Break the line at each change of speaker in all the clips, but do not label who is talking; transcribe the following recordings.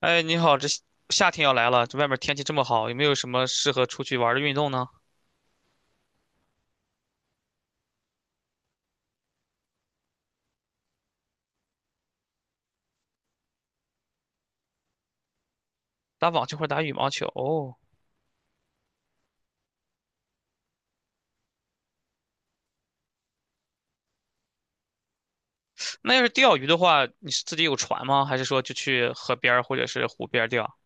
哎，你好，这夏天要来了，这外面天气这么好，有没有什么适合出去玩的运动呢？打网球或者打羽毛球？哦，那要是钓鱼的话，你是自己有船吗？还是说就去河边儿或者是湖边儿钓？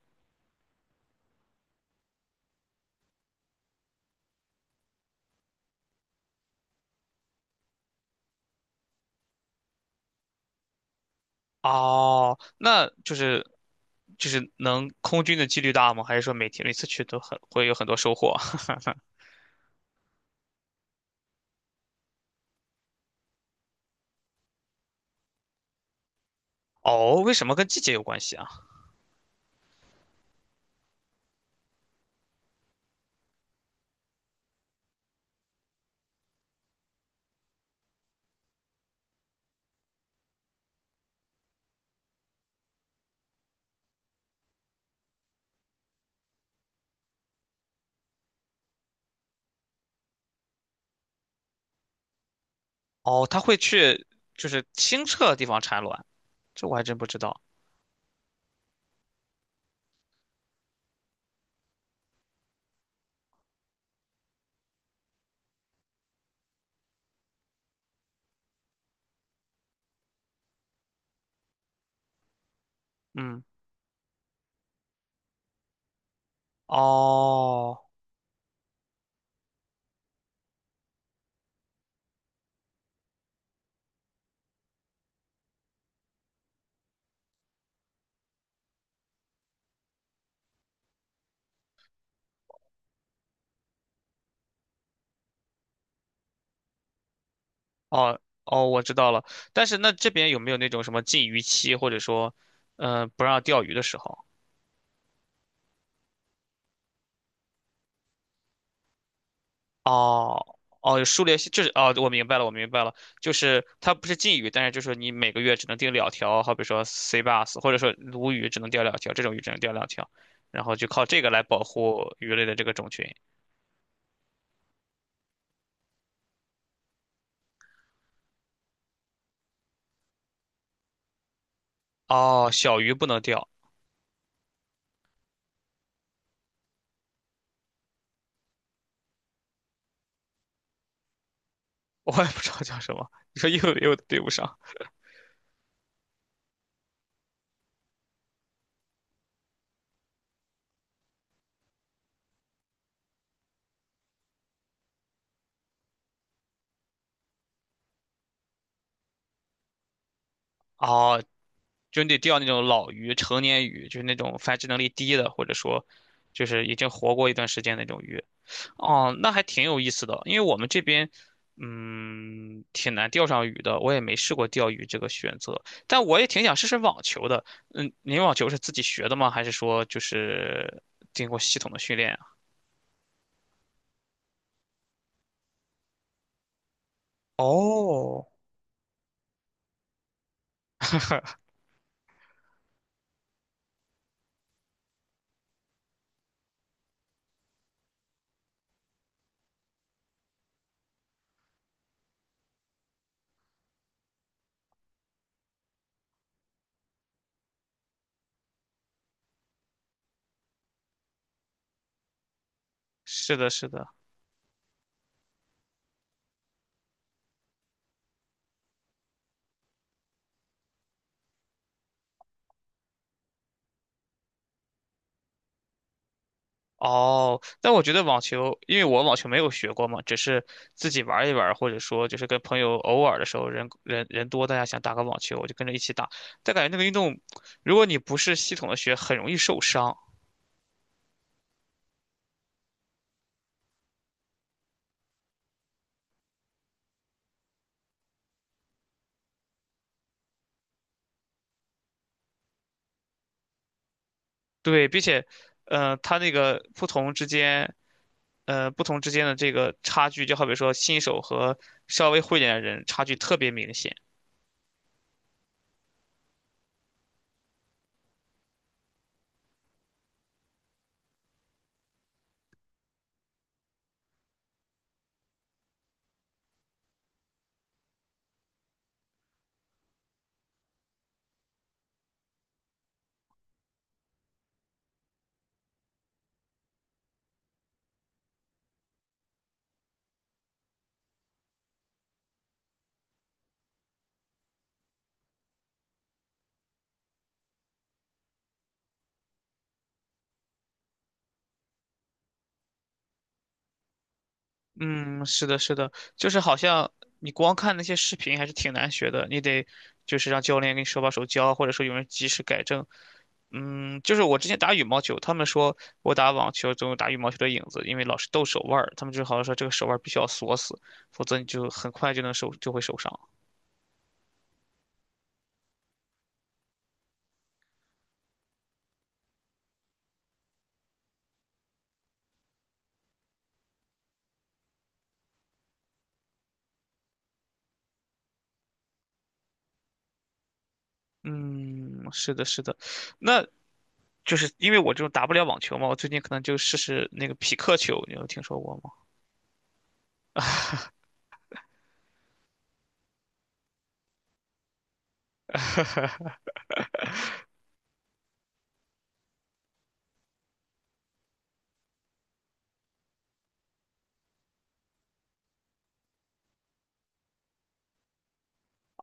哦，那就是就是能空军的几率大吗？还是说每天每次去都很会有很多收获？哦，为什么跟季节有关系啊？哦，它会去就是清澈的地方产卵，这我还真不知道。嗯，哦。哦哦，我知道了。但是那这边有没有那种什么禁渔期，或者说，不让钓鱼的时候？哦哦，有数列就是哦，我明白了，我明白了，就是它不是禁渔，但是就是你每个月只能钓两条，好比说 C bass，或者说鲈鱼只能钓两条，这种鱼只能钓两条，然后就靠这个来保护鱼类的这个种群。哦，小鱼不能钓，我也不知道叫什么，你说又对不上。哦，就你得钓那种老鱼、成年鱼，就是那种繁殖能力低的，或者说就是已经活过一段时间那种鱼。哦，那还挺有意思的，因为我们这边挺难钓上鱼的，我也没试过钓鱼这个选择，但我也挺想试试网球的。嗯，您网球是自己学的吗？还是说就是经过系统的训练啊？哦，是的，是的。哦，但我觉得网球，因为我网球没有学过嘛，只是自己玩一玩，或者说就是跟朋友偶尔的时候人多，大家想打个网球，我就跟着一起打。但感觉那个运动，如果你不是系统的学，很容易受伤。对，并且，呃，它那个不同之间，呃，不同之间的这个差距，就好比说新手和稍微会一点的人差距特别明显。嗯，是的，是的，就是好像你光看那些视频还是挺难学的，你得就是让教练给你手把手教，或者说有人及时改正。嗯，就是我之前打羽毛球，他们说我打网球总有打羽毛球的影子，因为老是抖手腕儿，他们就好像说这个手腕儿必须要锁死，否则你就很快就能会受伤。嗯，是的，是的，那就是因为我这种打不了网球嘛，我最近可能就试试那个匹克球，你有听说过吗？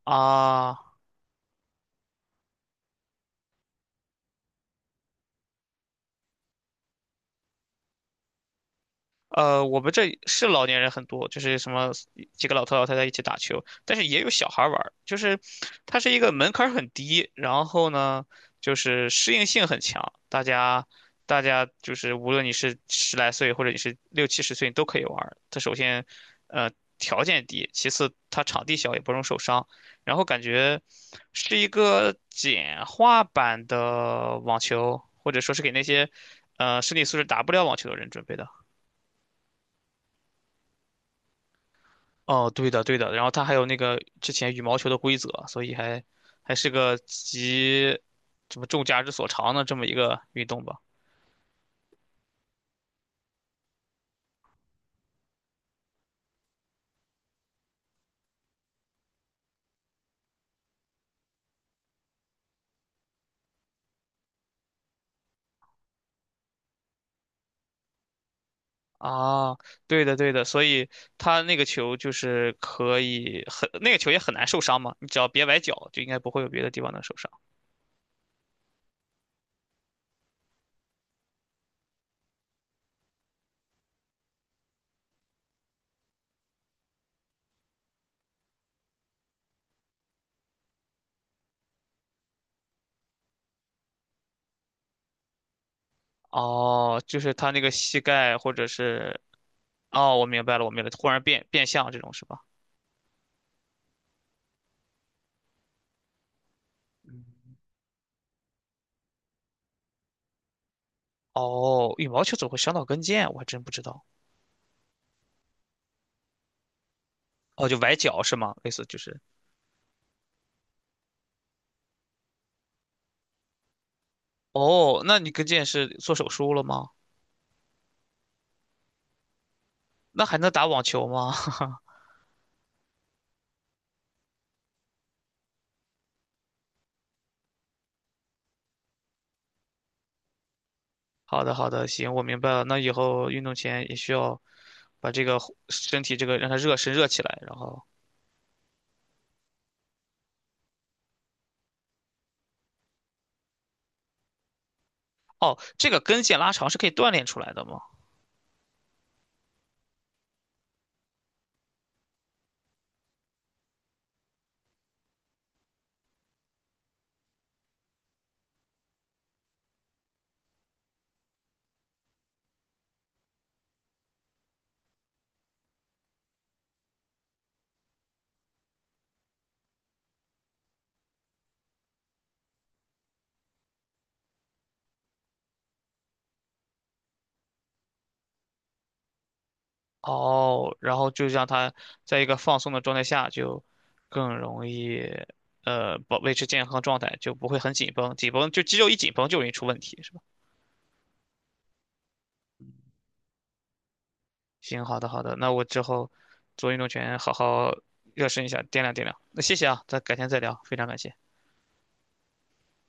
啊。我们这是老年人很多，就是什么几个老头老太太一起打球，但是也有小孩儿玩儿就是它是一个门槛儿很低，然后呢，就是适应性很强，大家就是无论你是十来岁或者你是六七十岁，你都可以玩儿它首先，呃，条件低，其次它场地小，也不容受伤，然后感觉是一个简化版的网球，或者说是给那些身体素质打不了网球的人准备的。哦，对的，对的，然后它还有那个之前羽毛球的规则，所以还还是个集什么众家之所长的这么一个运动吧。啊，对的，对的，所以它那个球就是可以很，那个球也很难受伤嘛，你只要别崴脚，就应该不会有别的地方能受伤。哦，就是他那个膝盖或者是，哦，我明白了，我明白了，忽然变向这种是吧？哦，羽毛球怎么会伤到跟腱？我还真不知道。哦，就崴脚是吗？类似就是。哦，那你跟腱是做手术了吗？那还能打网球吗？好的，好的，行，我明白了。那以后运动前也需要把这个身体这个让它热身热起来，然后哦，这个跟腱拉长是可以锻炼出来的吗？哦，然后就让它在一个放松的状态下，就更容易保维持健康状态，就不会很紧绷，紧绷就肌肉一紧绷就容易出问题。是吧？行，好的好的，那我之后做运动前好好热身一下，掂量掂量。那谢谢啊，咱改天再聊，非常感谢。